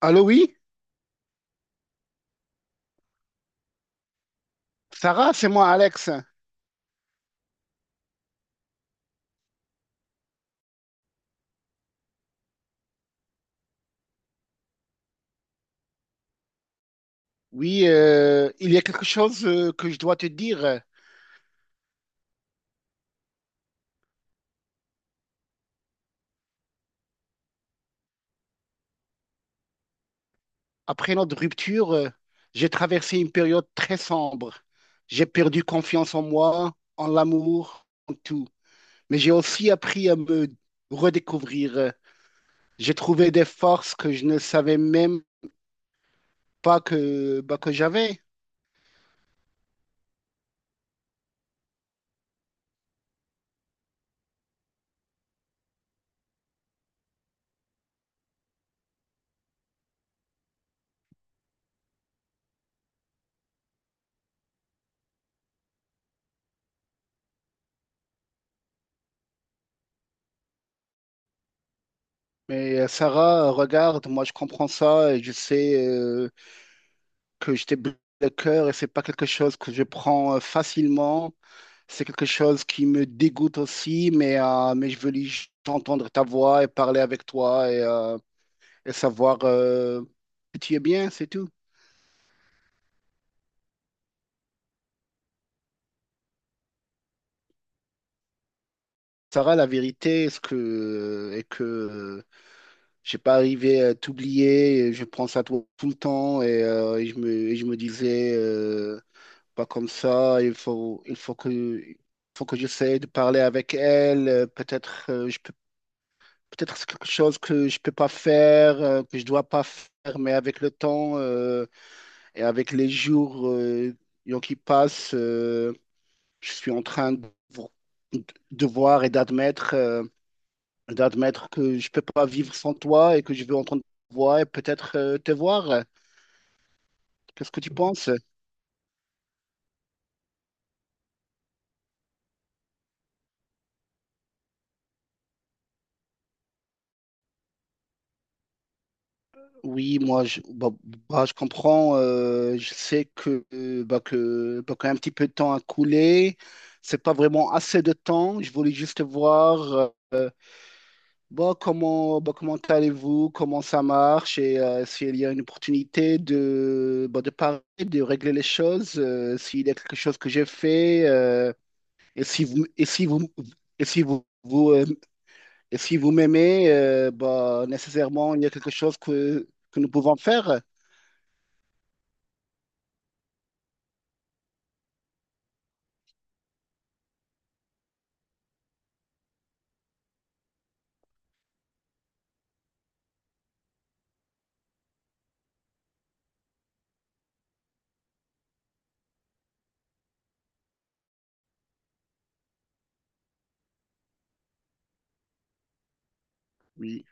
Allô, oui, Sarah, c'est moi, Alex. Oui, il y a quelque chose que je dois te dire. Après notre rupture, j'ai traversé une période très sombre. J'ai perdu confiance en moi, en l'amour, en tout. Mais j'ai aussi appris à me redécouvrir. J'ai trouvé des forces que je ne savais même pas que, bah, que j'avais. Mais Sarah, regarde, moi je comprends ça et je sais que je t'ai brisé le cœur et c'est pas quelque chose que je prends facilement. C'est quelque chose qui me dégoûte aussi, mais je veux juste entendre ta voix et parler avec toi et savoir que tu es bien, c'est tout. Sarah, la vérité est que j'ai pas arrivé à t'oublier, et je pense à toi tout le temps et et je me disais, pas comme ça, il faut que j'essaie de parler avec elle, peut-être je peux. Peut-être c'est quelque chose que je peux pas faire, que je dois pas faire, mais avec le temps et avec les jours qui passent, je suis en train de, de voir et d'admettre d'admettre que je peux pas vivre sans toi et que je veux entendre ta voix et peut-être te voir. Qu'est-ce que tu penses? Oui, moi, je, bah, bah, je comprends. Je sais que, bah, qu'un petit peu de temps a coulé. C'est pas vraiment assez de temps. Je voulais juste voir bah, comment allez-vous, comment ça marche et s'il y a une opportunité de, bah, de parler, de régler les choses, s'il y a quelque chose que j'ai fait et si vous, et si vous, et si vous, vous, et si vous m'aimez, bah, nécessairement, il y a quelque chose que nous pouvons faire. Oui.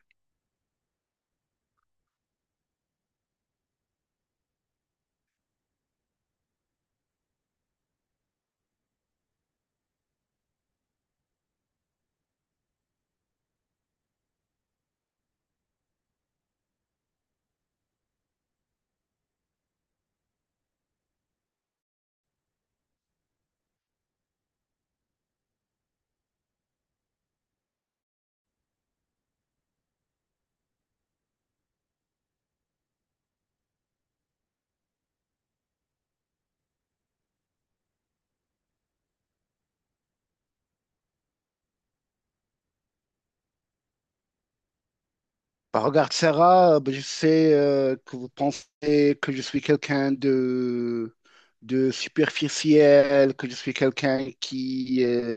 Bah, regarde, Sarah, bah, je sais que vous pensez que je suis quelqu'un de superficiel, que je suis quelqu'un qui,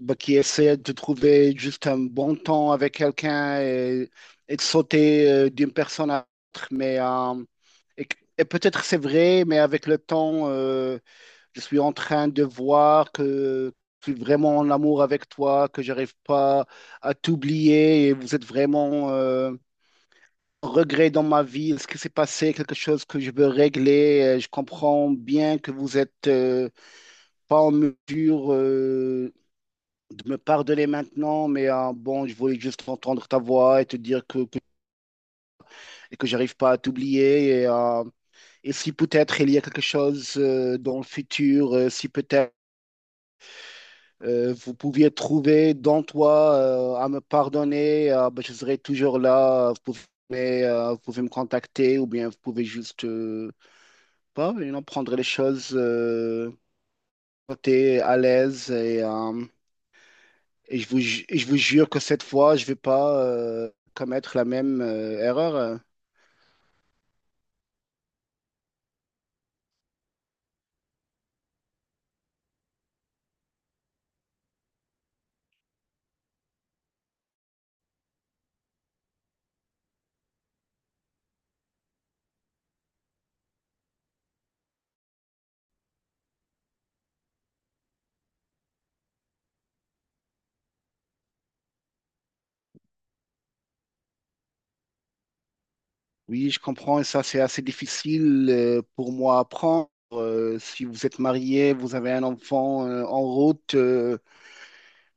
bah, qui essaie de trouver juste un bon temps avec quelqu'un et de sauter d'une personne à l'autre. Mais, et peut-être c'est vrai, mais avec le temps, je suis en train de voir que je suis vraiment en amour avec toi, que j'arrive pas à t'oublier et vous êtes vraiment... regrets dans ma vie? Est-ce que c'est passé quelque chose que je veux régler? Je comprends bien que vous êtes pas en mesure de me pardonner maintenant, mais bon, je voulais juste entendre ta voix et te dire que, et que j'arrive pas à t'oublier. Et si peut-être il y a quelque chose dans le futur, si peut-être vous pouviez trouver dans toi à me pardonner, ben, je serai toujours là. Vous pouvez me contacter ou bien vous pouvez juste... pas, et on prendrait les choses côté à l'aise et, et je vous jure que cette fois, je vais pas commettre la même erreur. Oui, je comprends et ça, c'est assez difficile pour moi à apprendre. Si vous êtes marié, vous avez un enfant en route,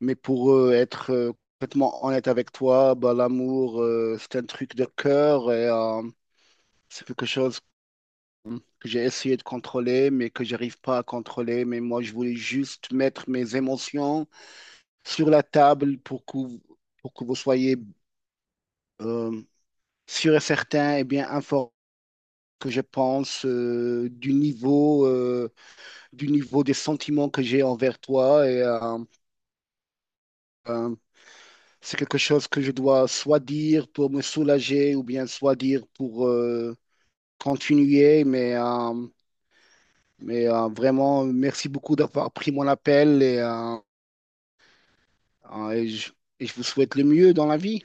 mais pour eux, être complètement honnête avec toi, bah, l'amour, c'est un truc de cœur et c'est quelque chose que j'ai essayé de contrôler, mais que j'arrive pas à contrôler. Mais moi, je voulais juste mettre mes émotions sur la table pour que vous soyez euh, sûr et certain et bien informé que je pense du niveau des sentiments que j'ai envers toi. Et euh, c'est quelque chose que je dois soit dire pour me soulager ou bien soit dire pour continuer. Mais, vraiment, merci beaucoup d'avoir pris mon appel et Ah, et je, et je vous souhaite le mieux dans la vie.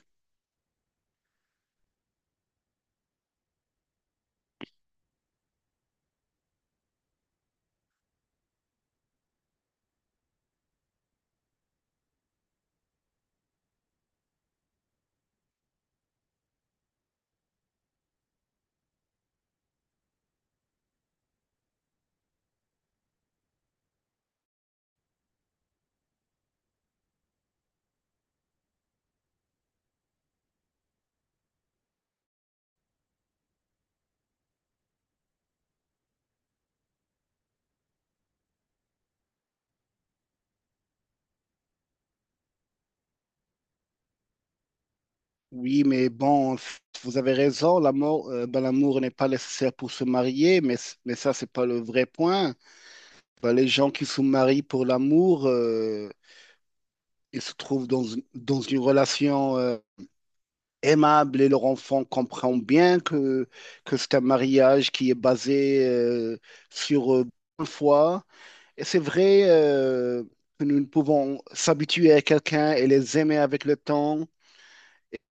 Oui, mais bon, vous avez raison, l'amour, ben, l'amour n'est pas nécessaire pour se marier, mais, mais ça, c'est pas le vrai point. Ben, les gens qui se marient pour l'amour, ils se trouvent dans, dans une relation, aimable et leur enfant comprend bien que c'est un mariage qui est basé, sur bonne foi. Et c'est vrai, que nous ne pouvons s'habituer à quelqu'un et les aimer avec le temps,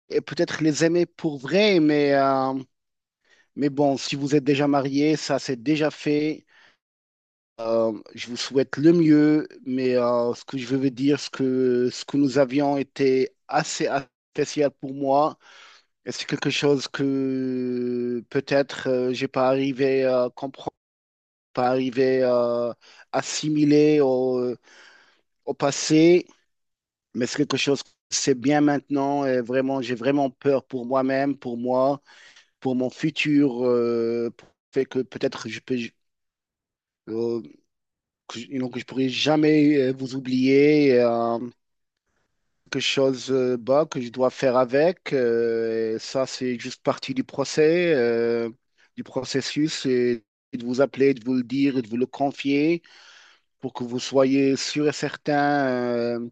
et peut-être les aimer pour vrai, mais bon, si vous êtes déjà marié, ça c'est déjà fait. Je vous souhaite le mieux, mais ce que je veux vous dire, ce que nous avions était assez spécial pour moi. Et c'est quelque chose que peut-être j'ai pas arrivé à comprendre, pas arrivé à assimiler au passé, mais c'est quelque chose que c'est bien maintenant et vraiment, j'ai vraiment peur pour moi-même, pour moi, pour mon futur, fait que peut-être je peux, euh, que, je donc, je pourrais jamais vous oublier. Euh, quelque chose bah, que je dois faire avec. Euh, et ça, c'est juste partie du procès, du processus, et de vous appeler, de vous le dire, et de vous le confier pour que vous soyez sûr et certain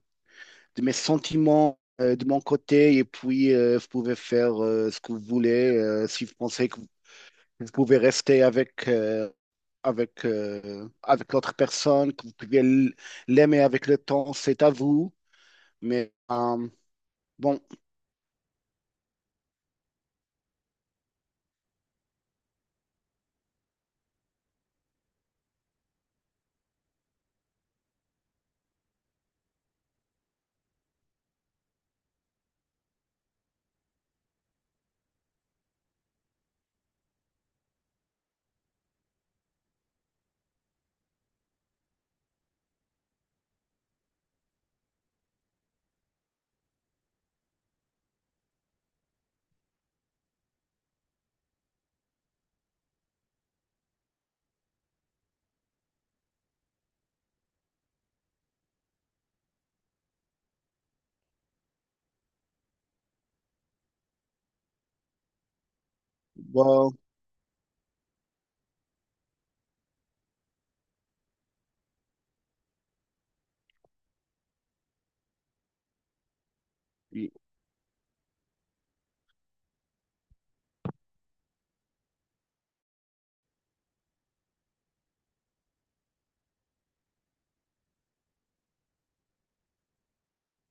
de mes sentiments de mon côté. Et puis, vous pouvez faire ce que vous voulez si vous pensez que vous pouvez rester avec, avec l'autre personne, que vous pouvez l'aimer avec le temps, c'est à vous. Mais bon, bah, oui.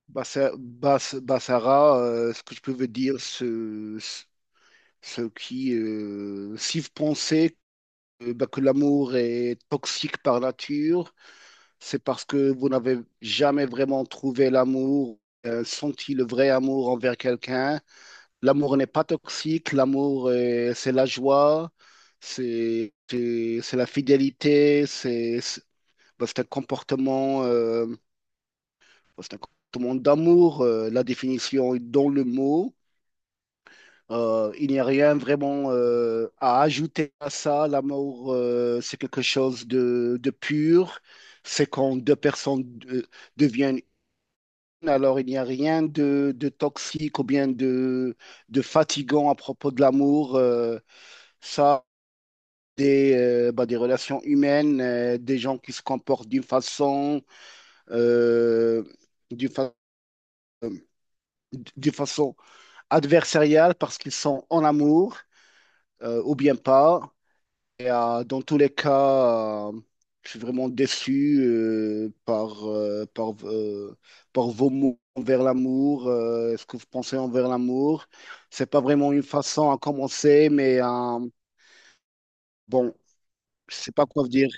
Sarah, ce que je peux vous dire, si vous pensez bah, que l'amour est toxique par nature, c'est parce que vous n'avez jamais vraiment trouvé l'amour, senti le vrai amour envers quelqu'un. L'amour n'est pas toxique, l'amour, c'est la joie, c'est la fidélité, c'est un comportement, c'est un comportement d'amour, la définition est dans le mot. Il n'y a rien vraiment à ajouter à ça. L'amour, c'est quelque chose de pur. C'est quand deux personnes deviennent une, alors il n'y a rien de, de toxique ou bien de fatigant à propos de l'amour. Ça, des, bah, des relations humaines, des gens qui se comportent d'une façon, euh, d'une fa- d'une façon adversariale parce qu'ils sont en amour, ou bien pas. Et, dans tous les cas, je suis vraiment déçu par vos mots envers l'amour, ce que vous pensez envers l'amour. C'est pas vraiment une façon à commencer, mais bon, je sais pas quoi vous dire.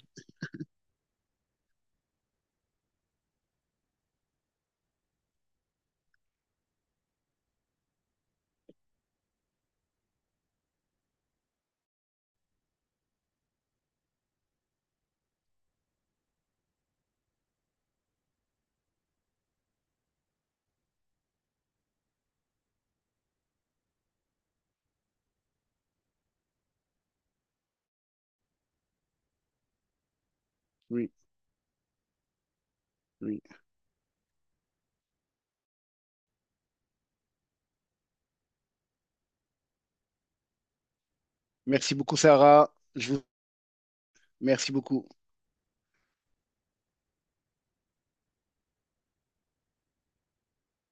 Oui, oui. Merci beaucoup, Sarah. Je vous... Merci beaucoup.